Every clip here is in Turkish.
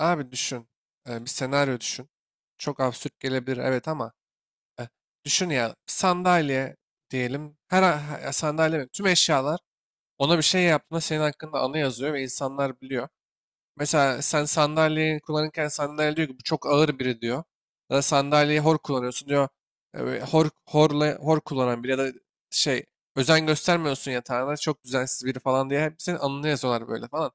Abi düşün. Bir senaryo düşün. Çok absürt gelebilir, evet, ama e, düşün ya, sandalye diyelim. Sandalye mi? Tüm eşyalar ona bir şey yaptığında senin hakkında anı yazıyor ve insanlar biliyor. Mesela sen sandalyeyi kullanırken sandalye diyor ki bu çok ağır biri diyor. Ya da sandalyeyi hor kullanıyorsun diyor. Hor, horla, hor kullanan biri ya da şey özen göstermiyorsun, yatağına çok düzensiz biri falan diye hep senin anını yazıyorlar böyle falan.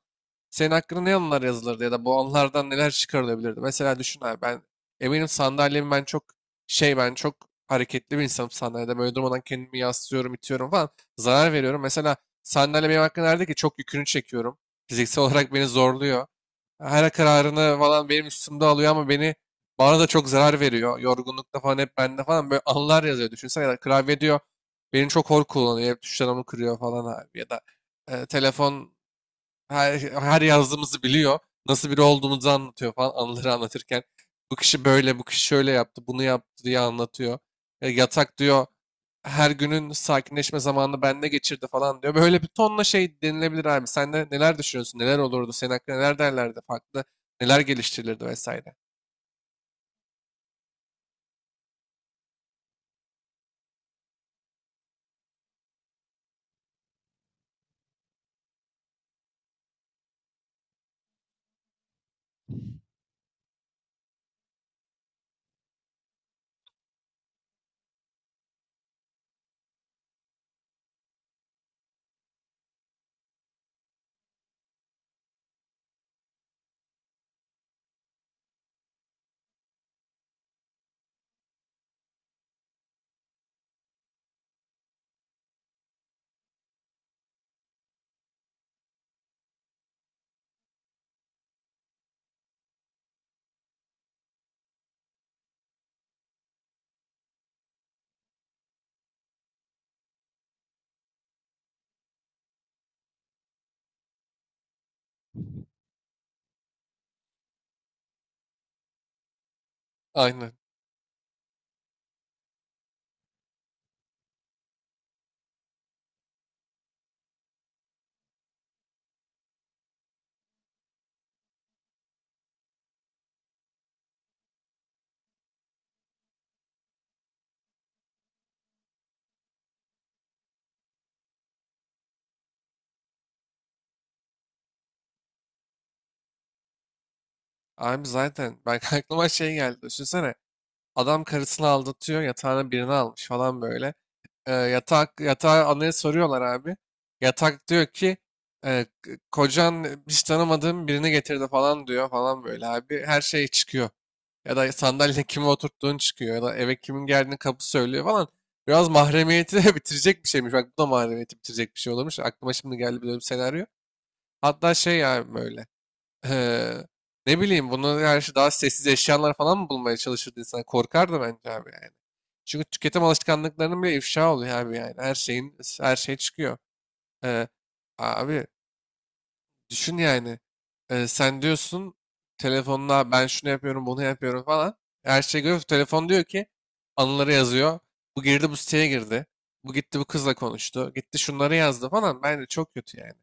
Senin hakkında ne anılar yazılırdı ya da bu anılardan neler çıkarılabilirdi? Mesela düşün abi, ben eminim sandalyemi ben çok hareketli bir insanım, sandalyede böyle durmadan kendimi yaslıyorum, itiyorum falan, zarar veriyorum. Mesela sandalye benim hakkında nerede ki çok yükünü çekiyorum. Fiziksel olarak beni zorluyor. Her kararını falan benim üstümde alıyor ama bana da çok zarar veriyor. Yorgunlukta falan hep bende falan böyle anılar yazıyor. Düşünsene, ya da klavye diyor. Beni çok hor kullanıyor. Hep tuşlarımı kırıyor falan abi. Ya da telefon her yazdığımızı biliyor. Nasıl biri olduğumuzu anlatıyor falan, anıları anlatırken. Bu kişi böyle, bu kişi şöyle yaptı, bunu yaptı diye anlatıyor. E, yatak diyor her günün sakinleşme zamanını bende geçirdi falan diyor. Böyle bir tonla şey denilebilir abi. Sen de neler düşünüyorsun? Neler olurdu? Senin hakkında neler derlerdi? Farklı neler geliştirilirdi vesaire. Aynen. Abi zaten ben aklıma şey geldi. Düşünsene adam karısını aldatıyor, yatağına birini almış falan böyle. Yatak yatağa anaya soruyorlar abi. Yatak diyor ki kocan hiç tanımadığım birini getirdi falan diyor falan böyle abi. Her şey çıkıyor. Ya da sandalye kime oturttuğun çıkıyor. Ya da eve kimin geldiğini kapı söylüyor falan. Biraz mahremiyeti de bitirecek bir şeymiş. Bak, bu da mahremiyeti bitirecek bir şey olurmuş. Aklıma şimdi geldi böyle bir senaryo. Hatta şey yani böyle. Eee, Ne bileyim, buna karşı daha sessiz eşyalar falan mı bulmaya çalışırdı insan? Korkardı bence abi yani. Çünkü tüketim alışkanlıklarının bile ifşa oluyor abi yani. Her şey çıkıyor. Eee, Abi düşün yani. Sen diyorsun telefonla ben şunu yapıyorum, bunu yapıyorum falan. Her şey görüyor. Telefon diyor ki anıları yazıyor. Bu siteye girdi. Bu kızla konuştu. Gitti şunları yazdı falan. Bence çok kötü yani.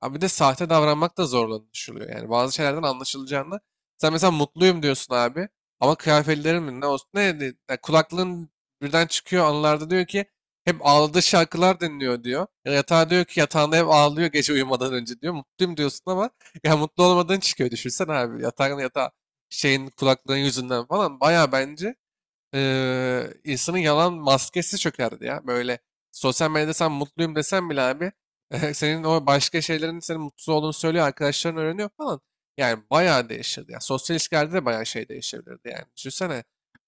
Abi bir de sahte davranmak da zorlanışılıyor. Yani bazı şeylerden anlaşılacağını. Sen mesela mutluyum diyorsun abi. Ama kıyafetlerin mi ne olsun ya kulaklığın birden çıkıyor anılarda, diyor ki hep ağladığı şarkılar dinliyor diyor. Ya yatağa diyor ki yatağında hep ağlıyor gece uyumadan önce diyor. Mutluyum diyorsun ama ya mutlu olmadığın çıkıyor düşünsen abi. Yatağın yatağı şeyin Kulaklığın yüzünden falan baya bence insanın yalan maskesi çökerdi ya. Böyle sosyal medyada sen mutluyum desen bile abi senin o başka şeylerin senin mutsuz olduğunu söylüyor. Arkadaşların öğreniyor falan. Yani bayağı değişirdi. Ya sosyal ilişkilerde de bayağı şey değişebilirdi yani. Düşünsene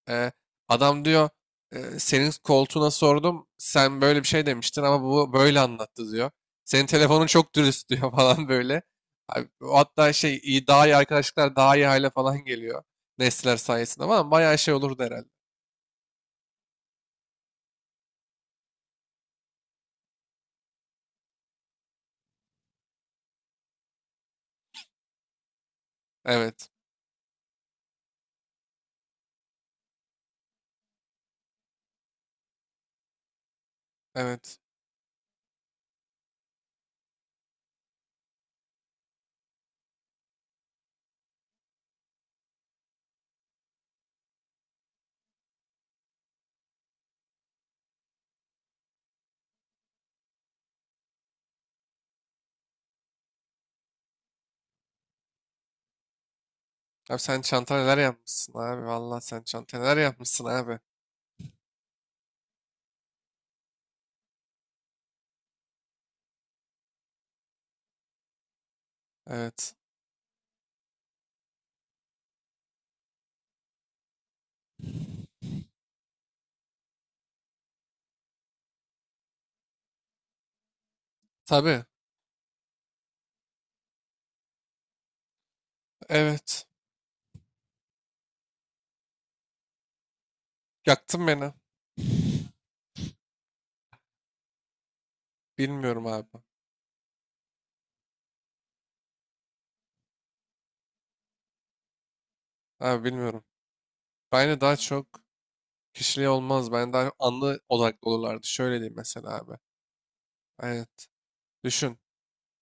eee, adam diyor senin koltuğuna sordum, sen böyle bir şey demiştin ama bu böyle anlattı diyor. Senin telefonun çok dürüst diyor falan böyle. Abi, hatta şey daha iyi arkadaşlıklar, daha iyi hale falan geliyor. Nesler sayesinde falan bayağı şey olurdu herhalde. Evet. Evet. Abi sen çanta neler yapmışsın abi. Vallahi sen çanta neler yapmışsın abi. Evet. Tabii. Evet. Yaktın beni. Bilmiyorum abi. Abi bilmiyorum. Bence daha çok kişiliği olmaz. Ben daha anlı odaklı olurlardı. Şöyle diyeyim mesela abi. Evet. Düşün.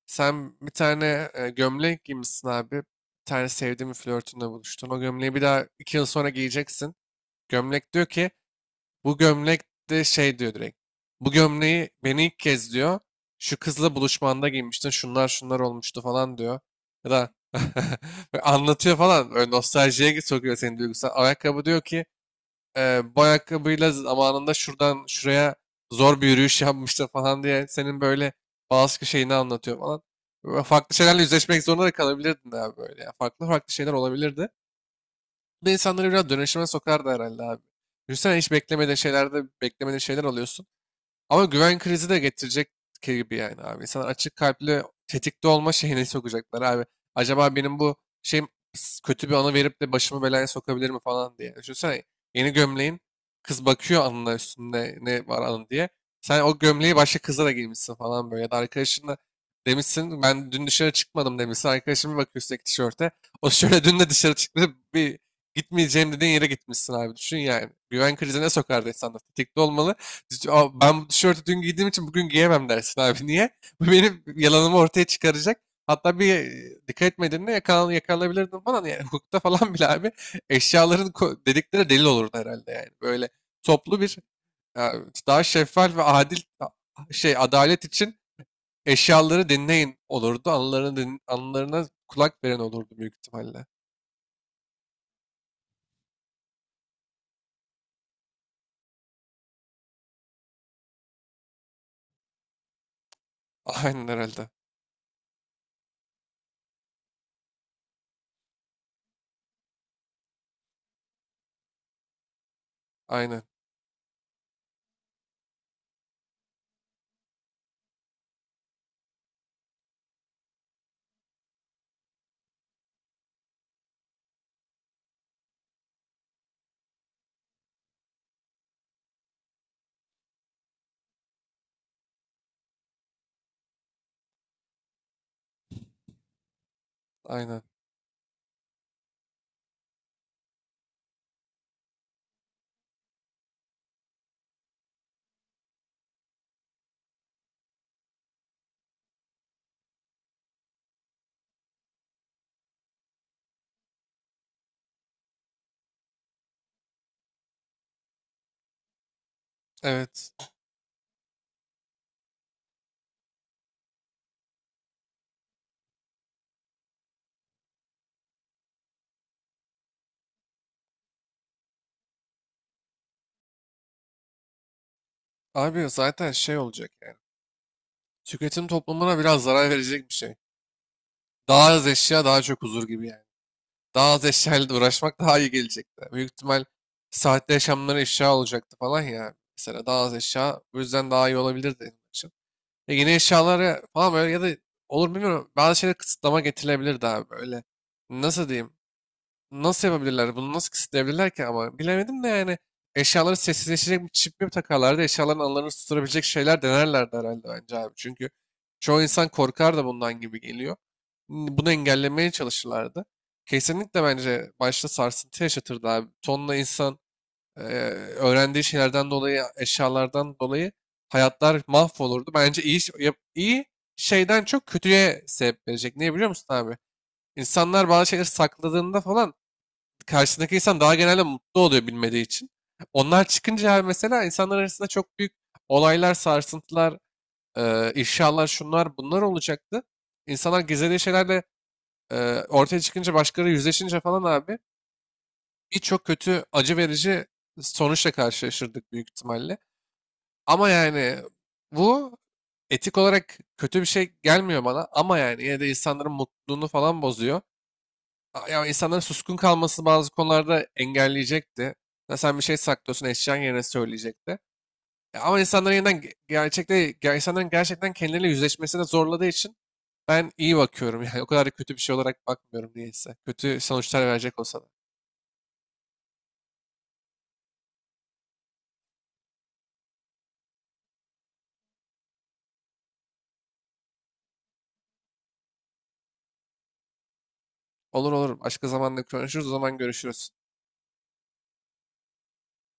Sen bir tane gömlek giymişsin abi. Bir tane sevdiğin bir flörtünle buluştun. O gömleği bir daha 2 yıl sonra giyeceksin. Gömlek diyor ki bu gömlek de şey diyor direkt. Bu gömleği beni ilk kez diyor. Şu kızla buluşmanda giymiştin. Şunlar şunlar olmuştu falan diyor. Ya da böyle anlatıyor falan. Böyle nostaljiye sokuyor seni, duygusal. Ayakkabı diyor ki bu ayakkabıyla zamanında şuradan şuraya zor bir yürüyüş yapmıştı falan diye senin böyle bazı şeyini anlatıyor falan. Böyle farklı şeylerle yüzleşmek zorunda da kalabilirdin abi böyle. Ya. Farklı farklı şeyler olabilirdi. Bu da insanları biraz dönüşüme sokar da herhalde abi. Düşünsene hiç beklemediğin şeylerde beklemediğin şeyler alıyorsun. Ama güven krizi de getirecek gibi yani abi. İnsanlar açık kalpli, tetikte olma şeyine sokacaklar abi. Acaba benim bu şeyim kötü bir anı verip de başımı belaya sokabilir mi falan diye. Düşünsene yeni gömleğin, kız bakıyor, anına üstünde ne var anı diye. Sen o gömleği başka kıza da giymişsin falan böyle. Ya da arkadaşınla demişsin ben dün dışarı çıkmadım demişsin. Arkadaşın bir bakıyor üstteki tişörte. O şöyle dün de dışarı çıktı, bir gitmeyeceğim dediğin yere gitmişsin abi. Düşün yani. Güven krizine sokar insanlar. Tetikte olmalı. "Aa, ben bu tişörtü dün giydiğim için bugün giyemem" dersin abi. Niye? Bu benim yalanımı ortaya çıkaracak. Hatta bir dikkat etmediğinde yakalanabilirdin falan. Yani hukukta falan bile abi dedikleri delil olurdu herhalde yani. Böyle toplu bir e, daha şeffaf ve adil adalet için eşyaları dinleyin olurdu. Anılarına kulak veren olurdu büyük ihtimalle. Aynen herhalde. Aynen. Aynen. Evet. Abi zaten şey olacak yani. Tüketim toplumuna biraz zarar verecek bir şey. Daha az eşya daha çok huzur gibi yani. Daha az eşyayla da uğraşmak daha iyi gelecekti. Büyük ihtimal saatte yaşamları eşya olacaktı falan ya. Mesela daha az eşya bu yüzden daha iyi olabilirdi benim için. E yeni eşyalara falan böyle, ya da olur bilmiyorum, bazı şeylere kısıtlama getirilebilirdi abi böyle. Nasıl diyeyim? Nasıl yapabilirler? Bunu nasıl kısıtlayabilirler ki ama bilemedim de yani eşyaları sessizleşecek bir çip mi takarlardı? Eşyaların anılarını tutturabilecek şeyler denerlerdi herhalde bence abi. Çünkü çoğu insan korkar da bundan gibi geliyor. Bunu engellemeye çalışırlardı. Kesinlikle bence başta sarsıntı yaşatırdı abi. Tonla insan e, öğrendiği şeylerden dolayı, eşyalardan dolayı hayatlar mahvolurdu. Bence iyi, iyi şeyden çok kötüye sebep verecek. Niye biliyor musun abi? İnsanlar bazı şeyleri sakladığında falan karşısındaki insan daha genelde mutlu oluyor bilmediği için. Onlar çıkınca mesela insanlar arasında çok büyük olaylar, sarsıntılar, ifşalar, şunlar bunlar olacaktı. İnsanlar gizlediği şeylerle ortaya çıkınca, başkaları yüzleşince falan abi birçok kötü, acı verici sonuçla karşılaşırdık büyük ihtimalle. Ama yani bu etik olarak kötü bir şey gelmiyor bana ama yani yine de insanların mutluluğunu falan bozuyor. Ya insanların suskun kalması bazı konularda engelleyecekti. Ya sen bir şey saklıyorsun, eşyan yerine söyleyecekti. Ya ama insanların yeniden ge- gerçekte ge- insanların gerçekten kendileriyle yüzleşmesine zorladığı için ben iyi bakıyorum. Yani o kadar da kötü bir şey olarak bakmıyorum niyeyse. Kötü sonuçlar verecek olsa da. Olur olur. Başka zamanda konuşuruz. O zaman görüşürüz.